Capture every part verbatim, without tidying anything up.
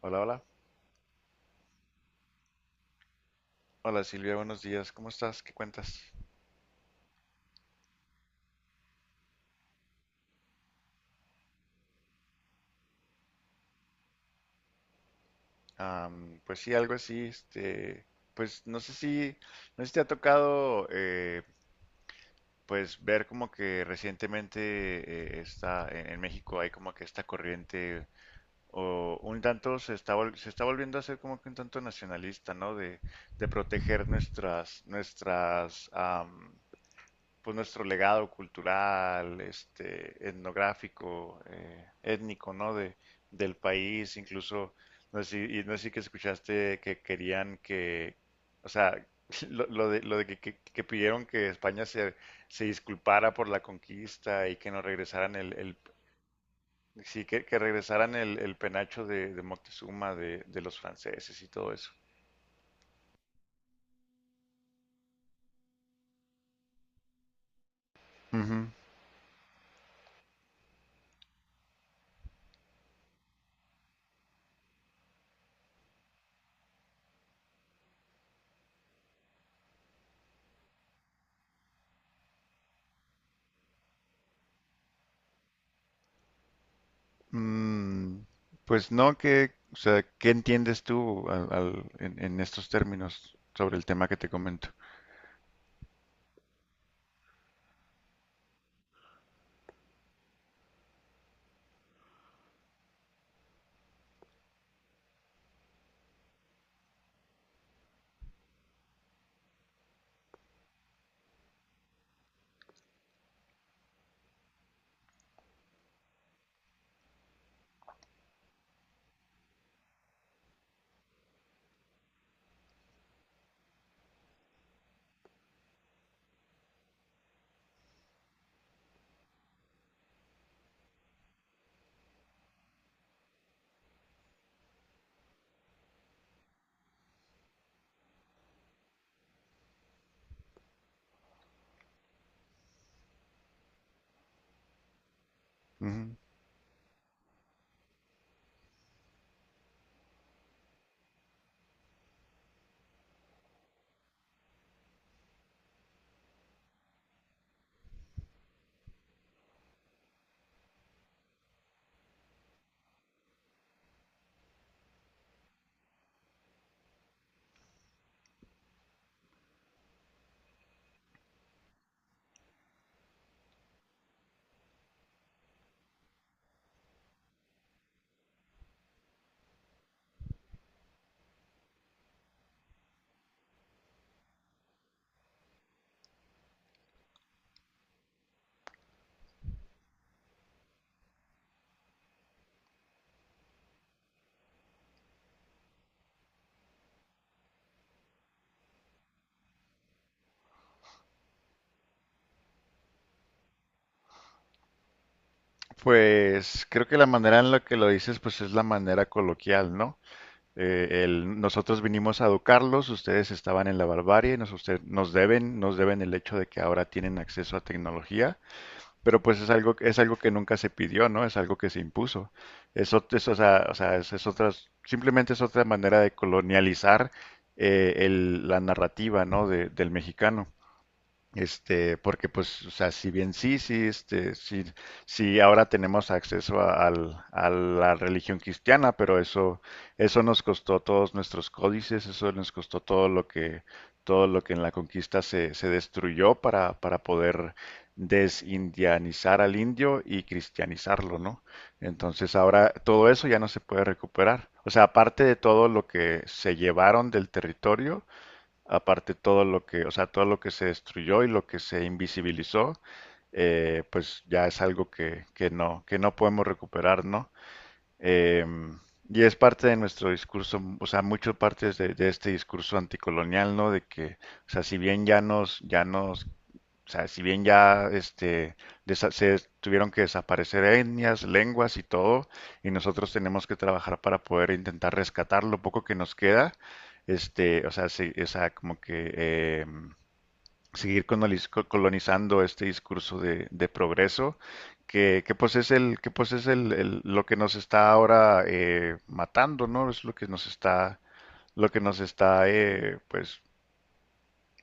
Hola, hola. Hola Silvia, buenos días. ¿Cómo estás? ¿Qué cuentas? Am, pues sí, algo así, este, pues no sé si, no sé si te ha tocado, eh, pues ver como que recientemente eh, está en, en México hay como que esta corriente o un tanto se está vol- se está volviendo a ser como que un tanto nacionalista, ¿no? De, de proteger nuestras nuestras am, pues nuestro legado cultural, este, etnográfico, eh, étnico, ¿no? De, del país, incluso, no sé, si- y no sé si que escuchaste que querían que, o sea, lo, lo de, lo de que, que- que pidieron que España se, se disculpara por la conquista y que nos regresaran el, el- sí, que, que regresaran el, el penacho de, de Moctezuma, de, de los franceses y todo eso. Mm, pues no, que, o sea, ¿qué entiendes tú al- al- en, en estos términos sobre el tema que te comento? Ujú. Pues creo que la manera en la que lo dices, pues es la manera coloquial, ¿no? Eh, el, nosotros vinimos a educarlos, ustedes estaban en la barbarie, nos, usted- nos deben, nos deben el hecho de que ahora tienen acceso a tecnología. Pero pues es algo, es algo que nunca se pidió, ¿no? Es algo que se impuso. Eso, o sea, o sea, es, es otra, simplemente es otra manera de colonializar eh, el- la narrativa, ¿no? De- del mexicano. Este, porque pues, o sea, si bien sí, sí, este, sí, sí, ahora tenemos acceso a, al- a la religión cristiana, pero eso, eso nos costó todos nuestros códices, eso nos costó todo lo que, todo lo que en la conquista se, se destruyó para, para poder desindianizar al indio y cristianizarlo, ¿no? Entonces ahora todo eso ya no se puede recuperar. O sea, aparte de todo lo que se llevaron del territorio, aparte todo lo que, o sea, todo lo que se destruyó y lo que se invisibilizó, eh, pues ya es algo que, que no, que no podemos recuperar, ¿no? Em, y es parte de nuestro discurso, o sea, mucho parte de, de este discurso anticolonial, ¿no? De que, o sea, si bien ya nos, ya nos o sea, si bien ya este, desa- se tuvieron que desaparecer etnias, lenguas y todo, y nosotros tenemos que trabajar para poder intentar rescatar lo poco que nos queda, este, o sea, se- o sea, como que eh, seguir coloniz- co- colonizando este discurso de, de progreso, que, que pues es el, que pues es el, el- lo que nos está ahora eh, matando, ¿no? Es lo que nos está, lo que nos está, eh, pues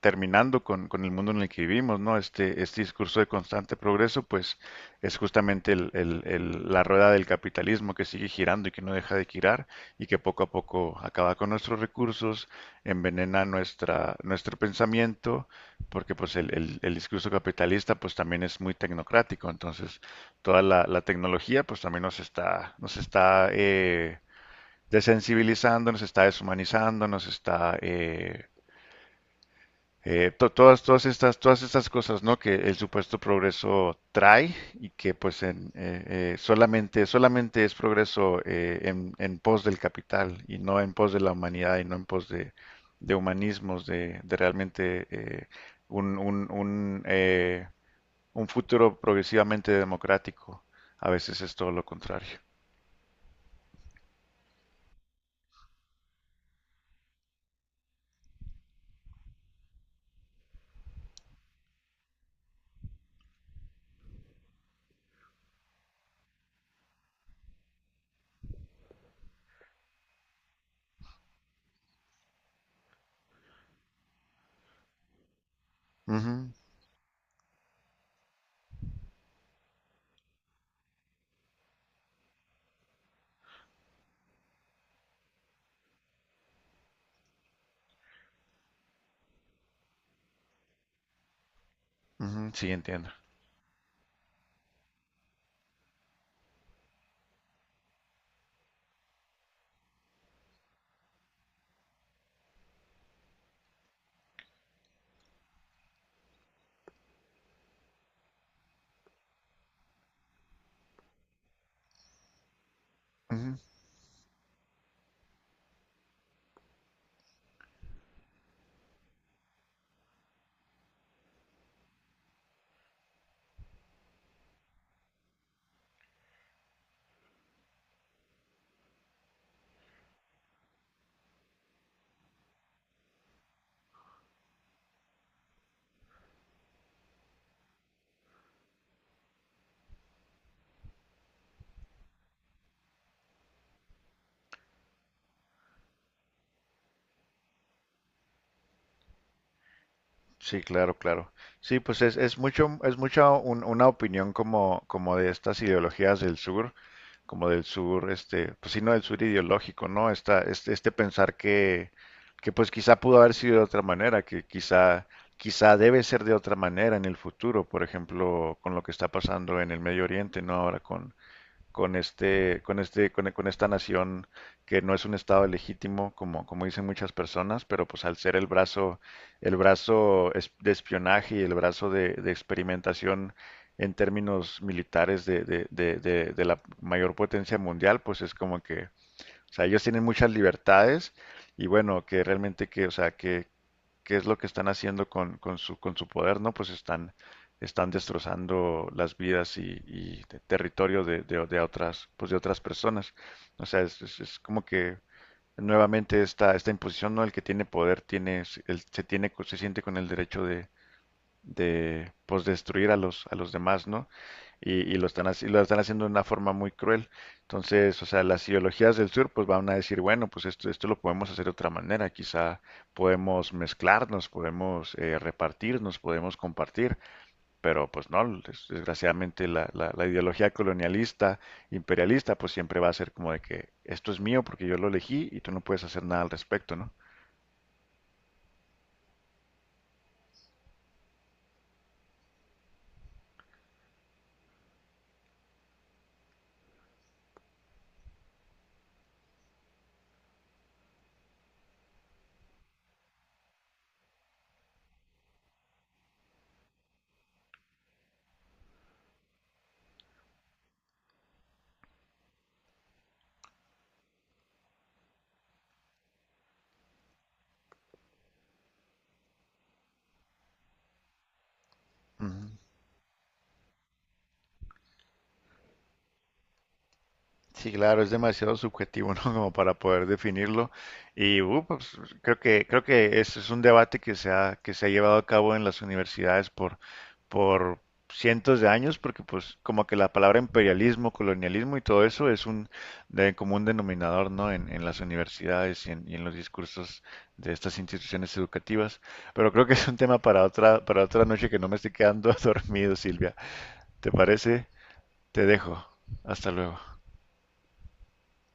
terminando con, con el mundo en el que vivimos, ¿no? Este, este discurso de constante progreso, pues es justamente el- el- el- la rueda del capitalismo que sigue girando y que no deja de girar y que poco a poco acaba con nuestros recursos, envenena nuestra, nuestro pensamiento, porque pues el, el- el discurso capitalista pues también es muy tecnocrático, entonces toda la, la tecnología pues también nos está, nos está eh, desensibilizando, nos está deshumanizando, nos está... eh, eh, to- todas, todas estas, todas estas cosas, ¿no? Que el supuesto progreso trae y que pues en, eh, eh, solamente, solamente es progreso eh, en, en pos del capital y no en pos de la humanidad y no en pos de, de humanismos, de, de realmente eh, un, un, un, eh, un futuro progresivamente democrático. A veces es todo lo contrario. Ujú, ujú, sí, entiendo. Ujú. Sí, claro, claro. Sí, pues es, es mucho, es mucha un- una opinión como, como de estas ideologías del sur, como del sur, este, pues sí, no del sur ideológico, ¿no? Esta, este, este pensar que, que pues quizá pudo haber sido de otra manera, que quizá, quizá debe ser de otra manera en el futuro, por ejemplo, con lo que está pasando en el Medio Oriente, ¿no? Ahora con, con este, con este, con, con esta nación que no es un estado legítimo, como, como dicen muchas personas, pero pues al ser el brazo, el brazo es- de espionaje y el brazo de, de experimentación en términos militares de, de, de, de, de la mayor potencia mundial, pues es como que, o sea, ellos tienen muchas libertades y bueno, que realmente que, o sea, que, qué es lo que están haciendo con, con su, con su poder, ¿no? Pues están, están destrozando las vidas y, y te- territorio de, de- de otras, pues de otras personas. O sea, es, es- es como que nuevamente esta, esta imposición, ¿no? El que tiene poder tiene, se- el- se tiene, co- se siente con el derecho de, de, pues destruir a los, a los demás, ¿no? Y, y lo están, haci- lo están haciendo de una forma muy cruel. Entonces, o sea, las ideologías del sur pues van a decir, bueno, pues esto, esto lo podemos hacer de otra manera, quizá podemos mezclarnos, podemos eh, repartirnos, podemos compartir, pero pues no, des- desgraciadamente la, la, la ideología colonialista, imperialista, pues siempre va a ser como de que esto es mío porque yo lo elegí y tú no puedes hacer nada al respecto, ¿no? Ujú. Sí, claro, es demasiado subjetivo, ¿no? Como para poder definirlo. Y uh, pues, creo que creo que ese es un debate que se ha que se ha llevado a cabo en las universidades por por cientos de años, porque pues como que la palabra imperialismo, colonialismo y todo eso es un de común denominador, ¿no? En, en las universidades y en, y en los discursos de estas instituciones educativas. Pero creo que es un tema para otra para otra noche que no me estoy quedando dormido, Silvia. ¿Te parece? Te dejo. Hasta luego.